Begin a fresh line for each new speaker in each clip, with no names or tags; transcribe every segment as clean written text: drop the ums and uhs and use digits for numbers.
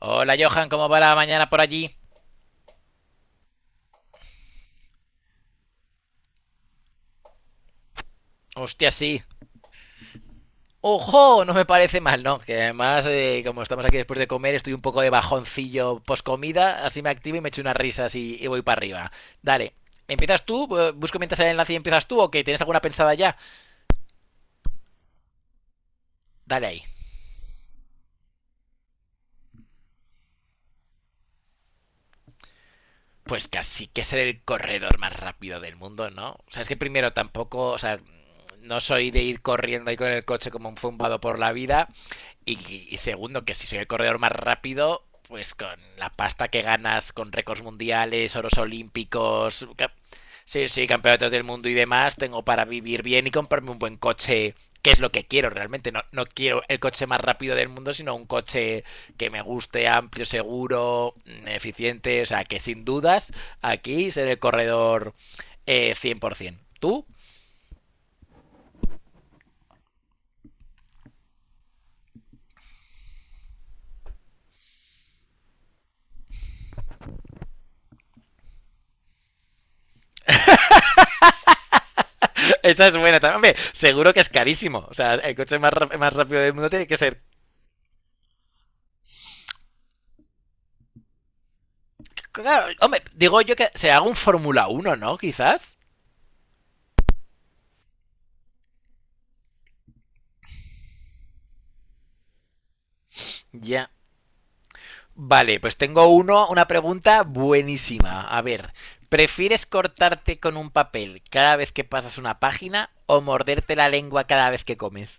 Hola Johan, ¿cómo va la mañana por allí? Hostia, sí. ¡Ojo! No me parece mal, ¿no? Que además, como estamos aquí después de comer, estoy un poco de bajoncillo post comida, así me activo y me echo unas risas y voy para arriba. Dale. ¿Empiezas tú? ¿Busco mientras el enlace y empiezas tú o que tienes alguna pensada ya? Dale ahí. Pues casi que ser el corredor más rápido del mundo, ¿no? O sea, es que primero tampoco, o sea, no soy de ir corriendo ahí con el coche como un zumbado por la vida. Y segundo, que si soy el corredor más rápido, pues con la pasta que ganas con récords mundiales, oros olímpicos, sí, sí, campeonatos del mundo y demás, tengo para vivir bien y comprarme un buen coche, que es lo que quiero realmente. No, no quiero el coche más rápido del mundo, sino un coche que me guste, amplio, seguro, eficiente. O sea, que sin dudas, aquí seré el corredor 100%. ¿Tú? Esa es buena también. Hombre, seguro que es carísimo. O sea, el coche más rápido del mundo tiene que ser. Claro, hombre, digo yo que se haga un Fórmula 1, ¿no? Quizás. Ya. Yeah. Vale, pues tengo una pregunta buenísima. A ver, ¿prefieres cortarte con un papel cada vez que pasas una página o morderte la lengua cada vez que comes?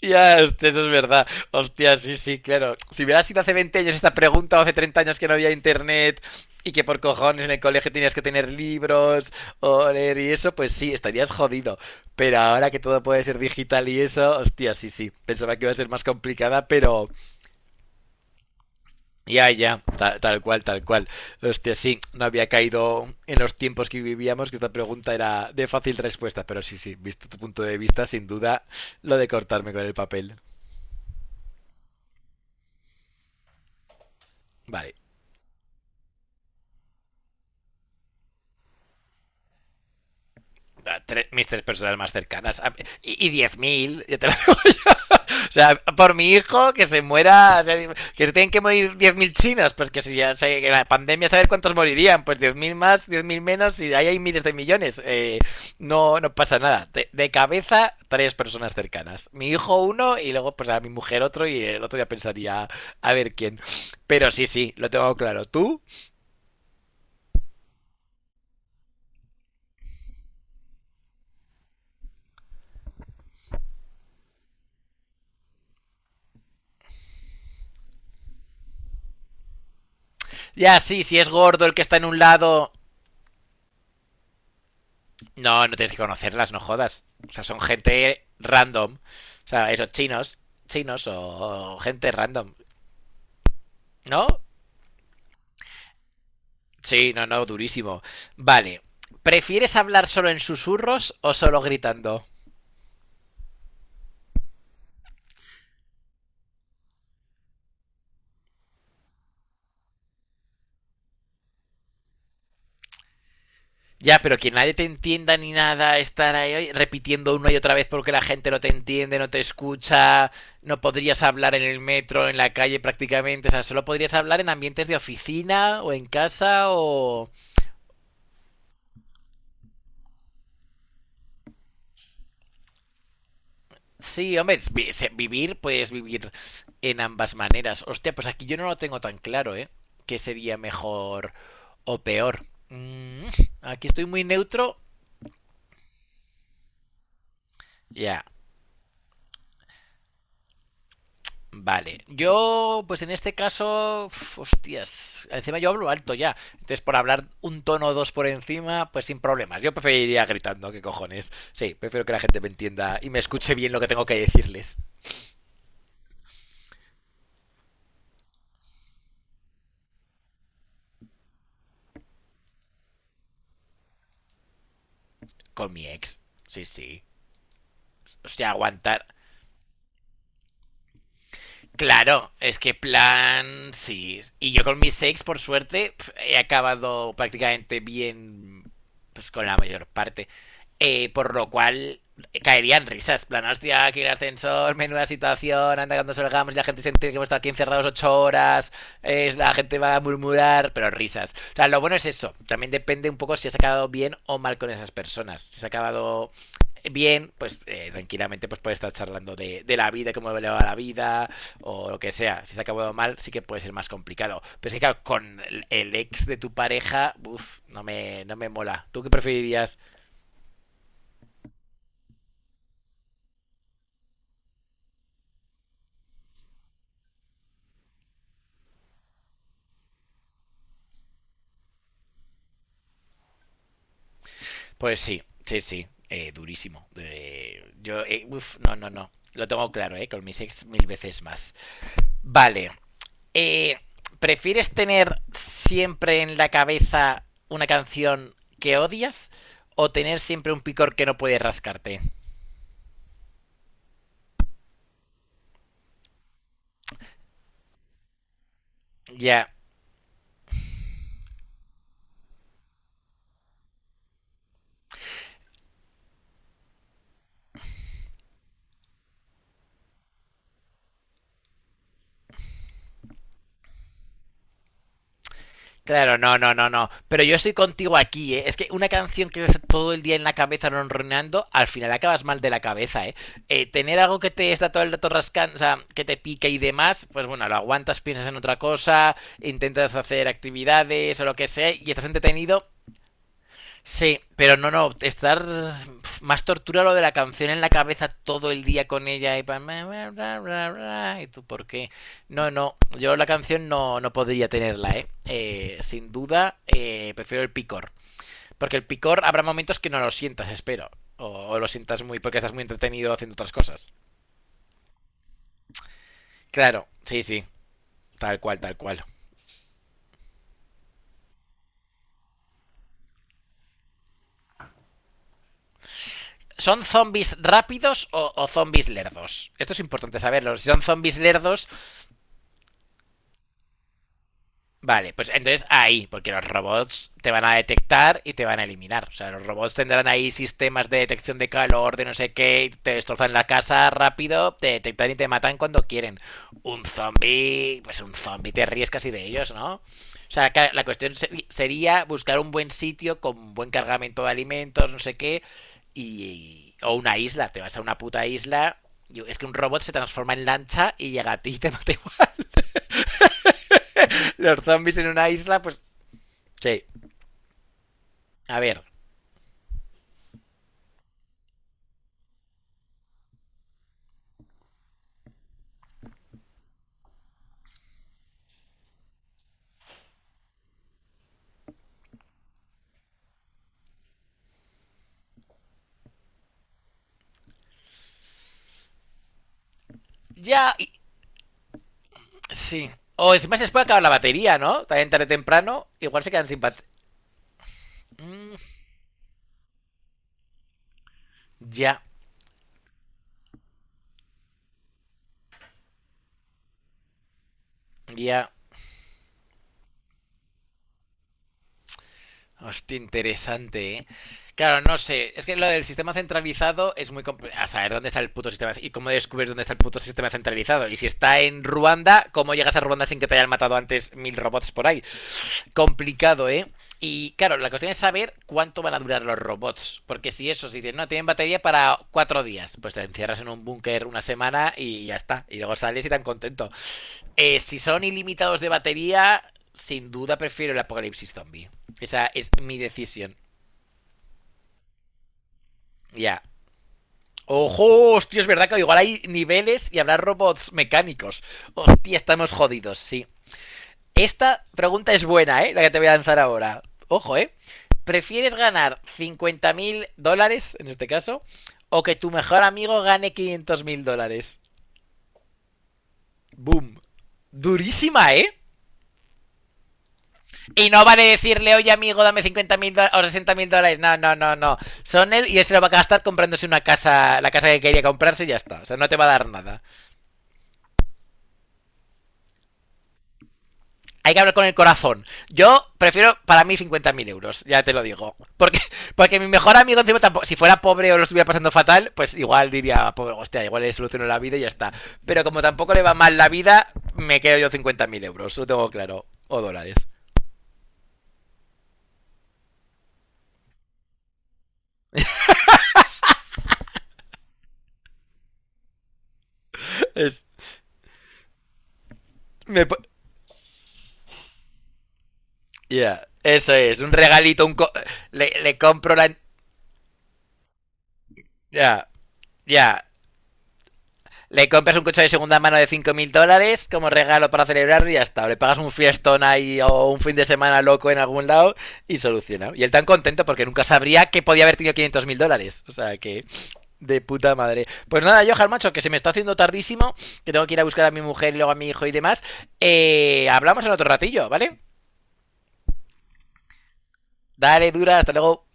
Ya, hostia, eso es verdad. Hostia, sí, sí, claro. Si hubiera sido hace 20 años esta pregunta o hace 30 años que no había internet y que por cojones en el colegio tenías que tener libros o leer y eso, pues sí, estarías jodido. Pero ahora que todo puede ser digital y eso, hostia, sí, sí. Pensaba que iba a ser más complicada, pero ya, ya, tal, cual, tal cual. Hostia, sí, no había caído en los tiempos que vivíamos que esta pregunta era de fácil respuesta, pero sí, sí, visto tu punto de vista, sin duda, lo de cortarme con el papel. Vale. Mis tres personas más cercanas. Y 10.000 ya te lo digo yo. O sea, por mi hijo, que se muera, o sea, que se tienen que morir 10.000 chinos, pues que si ya se, que la pandemia, saber cuántos morirían, pues 10.000 más, 10.000 menos, y ahí hay miles de millones. No, no pasa nada. De cabeza, tres personas cercanas. Mi hijo uno, y luego pues a mi mujer otro, y el otro ya pensaría a ver quién. Pero sí, sí, lo tengo claro. ¿Tú? Ya, sí, si es gordo el que está en un lado. No, no tienes que conocerlas, no jodas. O sea, son gente random. O sea, esos chinos, chinos o gente random. ¿No? Sí, no, no, durísimo. Vale. ¿Prefieres hablar solo en susurros o solo gritando? Ya, pero que nadie te entienda ni nada, estar ahí repitiendo una y otra vez porque la gente no te entiende, no te escucha, no podrías hablar en el metro, en la calle prácticamente, o sea, solo podrías hablar en ambientes de oficina o en casa o... Sí, hombre, es vivir, puedes vivir en ambas maneras. Hostia, pues aquí yo no lo tengo tan claro, ¿eh? ¿Qué sería mejor o peor? Aquí estoy muy neutro. Ya, vale. Yo, pues en este caso, uf, hostias, encima yo hablo alto ya. Entonces, por hablar un tono o dos por encima, pues sin problemas. Yo preferiría gritando, ¿qué cojones? Sí, prefiero que la gente me entienda y me escuche bien lo que tengo que decirles. Con mi ex. Sí, sí. O sea, aguantar. Claro, es que plan, sí. Y yo con mis sex, por suerte, he acabado prácticamente bien, pues con la mayor parte. Por lo cual caerían risas, plan, hostia, aquí el ascensor, menuda situación, anda cuando salgamos y la gente se entiende que hemos estado aquí encerrados 8 horas, la gente va a murmurar, pero risas. O sea, lo bueno es eso, también depende un poco si has acabado bien o mal con esas personas. Si has acabado bien, pues tranquilamente pues puedes estar charlando de la vida, cómo le va la vida, o lo que sea, si se ha acabado mal, sí que puede ser más complicado. Pero es que, claro, con ex de tu pareja, uff, no me mola. ¿Tú qué preferirías? Pues sí, sí, sí, durísimo. Yo, uff, no, no, no. Lo tengo claro, ¿eh? Con mis ex mil veces más. Vale. eh, ¿Prefieres tener siempre en la cabeza una canción que odias o tener siempre un picor que no puedes rascarte? Ya, claro, no, no, no, no. Pero yo estoy contigo aquí, ¿eh? Es que una canción que ves todo el día en la cabeza ronroneando, al final acabas mal de la cabeza, ¿eh? Tener algo que te está todo el rato rascando, o sea, que te pique y demás, pues bueno, lo aguantas, piensas en otra cosa, intentas hacer actividades o lo que sea, y estás entretenido. Sí, pero no, no, estar más tortura lo de la canción en la cabeza todo el día con ella y bla, bla, bla, bla, bla, y tú por qué. No, no, yo la canción no, no podría tenerla, ¿eh? Sin duda, prefiero el picor. Porque el picor habrá momentos que no lo sientas, espero. O lo sientas muy porque estás muy entretenido haciendo otras cosas. Claro, sí, sí, tal cual, tal cual. ¿Son zombies rápidos o zombies lerdos? Esto es importante saberlo. Si son zombies lerdos... Vale, pues entonces ahí, porque los robots te van a detectar y te van a eliminar. O sea, los robots tendrán ahí sistemas de detección de calor, de no sé qué, y te destrozan la casa rápido, te detectan y te matan cuando quieren. Un zombie, pues un zombie te ríes casi de ellos, ¿no? O sea, la cuestión sería buscar un buen sitio con buen cargamento de alimentos, no sé qué, y, o una isla, te vas a una puta isla, y es que un robot se transforma en lancha y llega a ti y te mata igual. Los zombies en una isla, pues sí. A ver, ya. Sí. O encima se les puede acabar la batería, ¿no? También tarde o temprano, igual se quedan sin batería. Mm, ya, ya. Hostia, interesante, ¿eh? Claro, no sé. Es que lo del sistema centralizado es muy complicado. A saber dónde está el puto sistema. ¿Y cómo descubres dónde está el puto sistema centralizado? Y si está en Ruanda, ¿cómo llegas a Ruanda sin que te hayan matado antes 1.000 robots por ahí? Complicado, ¿eh? Y claro, la cuestión es saber cuánto van a durar los robots. Porque si eso, si dices, no, tienen batería para 4 días, pues te encierras en un búnker una semana y ya está. Y luego sales y tan contento. Si son ilimitados de batería, sin duda prefiero el apocalipsis zombie. Esa es mi decisión. Ya. Yeah. Ojo, hostia, es verdad que igual hay niveles y habrá robots mecánicos. Hostia, estamos jodidos, sí. Esta pregunta es buena, ¿eh? La que te voy a lanzar ahora. Ojo, ¿eh? ¿Prefieres ganar 50 mil dólares, en este caso, o que tu mejor amigo gane 500 mil dólares? Boom. Durísima, ¿eh? Y no vale decirle, oye amigo, dame 50 mil dólares o 60 mil dólares. No, no, no, no. Son él y él se lo va a gastar comprándose una casa, la casa que quería comprarse y ya está. O sea, no te va a dar nada. Hay que hablar con el corazón. Yo prefiero para mí 50.000 euros, ya te lo digo. Porque mi mejor amigo, encima, tampoco, si fuera pobre o lo estuviera pasando fatal, pues igual diría, pobre, hostia, igual le soluciono la vida y ya está. Pero como tampoco le va mal la vida, me quedo yo 50.000 euros, lo tengo claro. O dólares. Es, me po- ya, eso es, un regalito, le compro la... Ya, yeah, ya, yeah. Le compras un coche de segunda mano de 5.000 dólares como regalo para celebrar y ya está. O le pagas un fiestón ahí o un fin de semana loco en algún lado y solucionado. Y él tan contento porque nunca sabría que podía haber tenido 500.000 dólares. O sea que... De puta madre. Pues nada, yo, macho, que se me está haciendo tardísimo, que tengo que ir a buscar a mi mujer y luego a mi hijo y demás. Hablamos en otro ratillo, ¿vale? Dale, dura, hasta luego.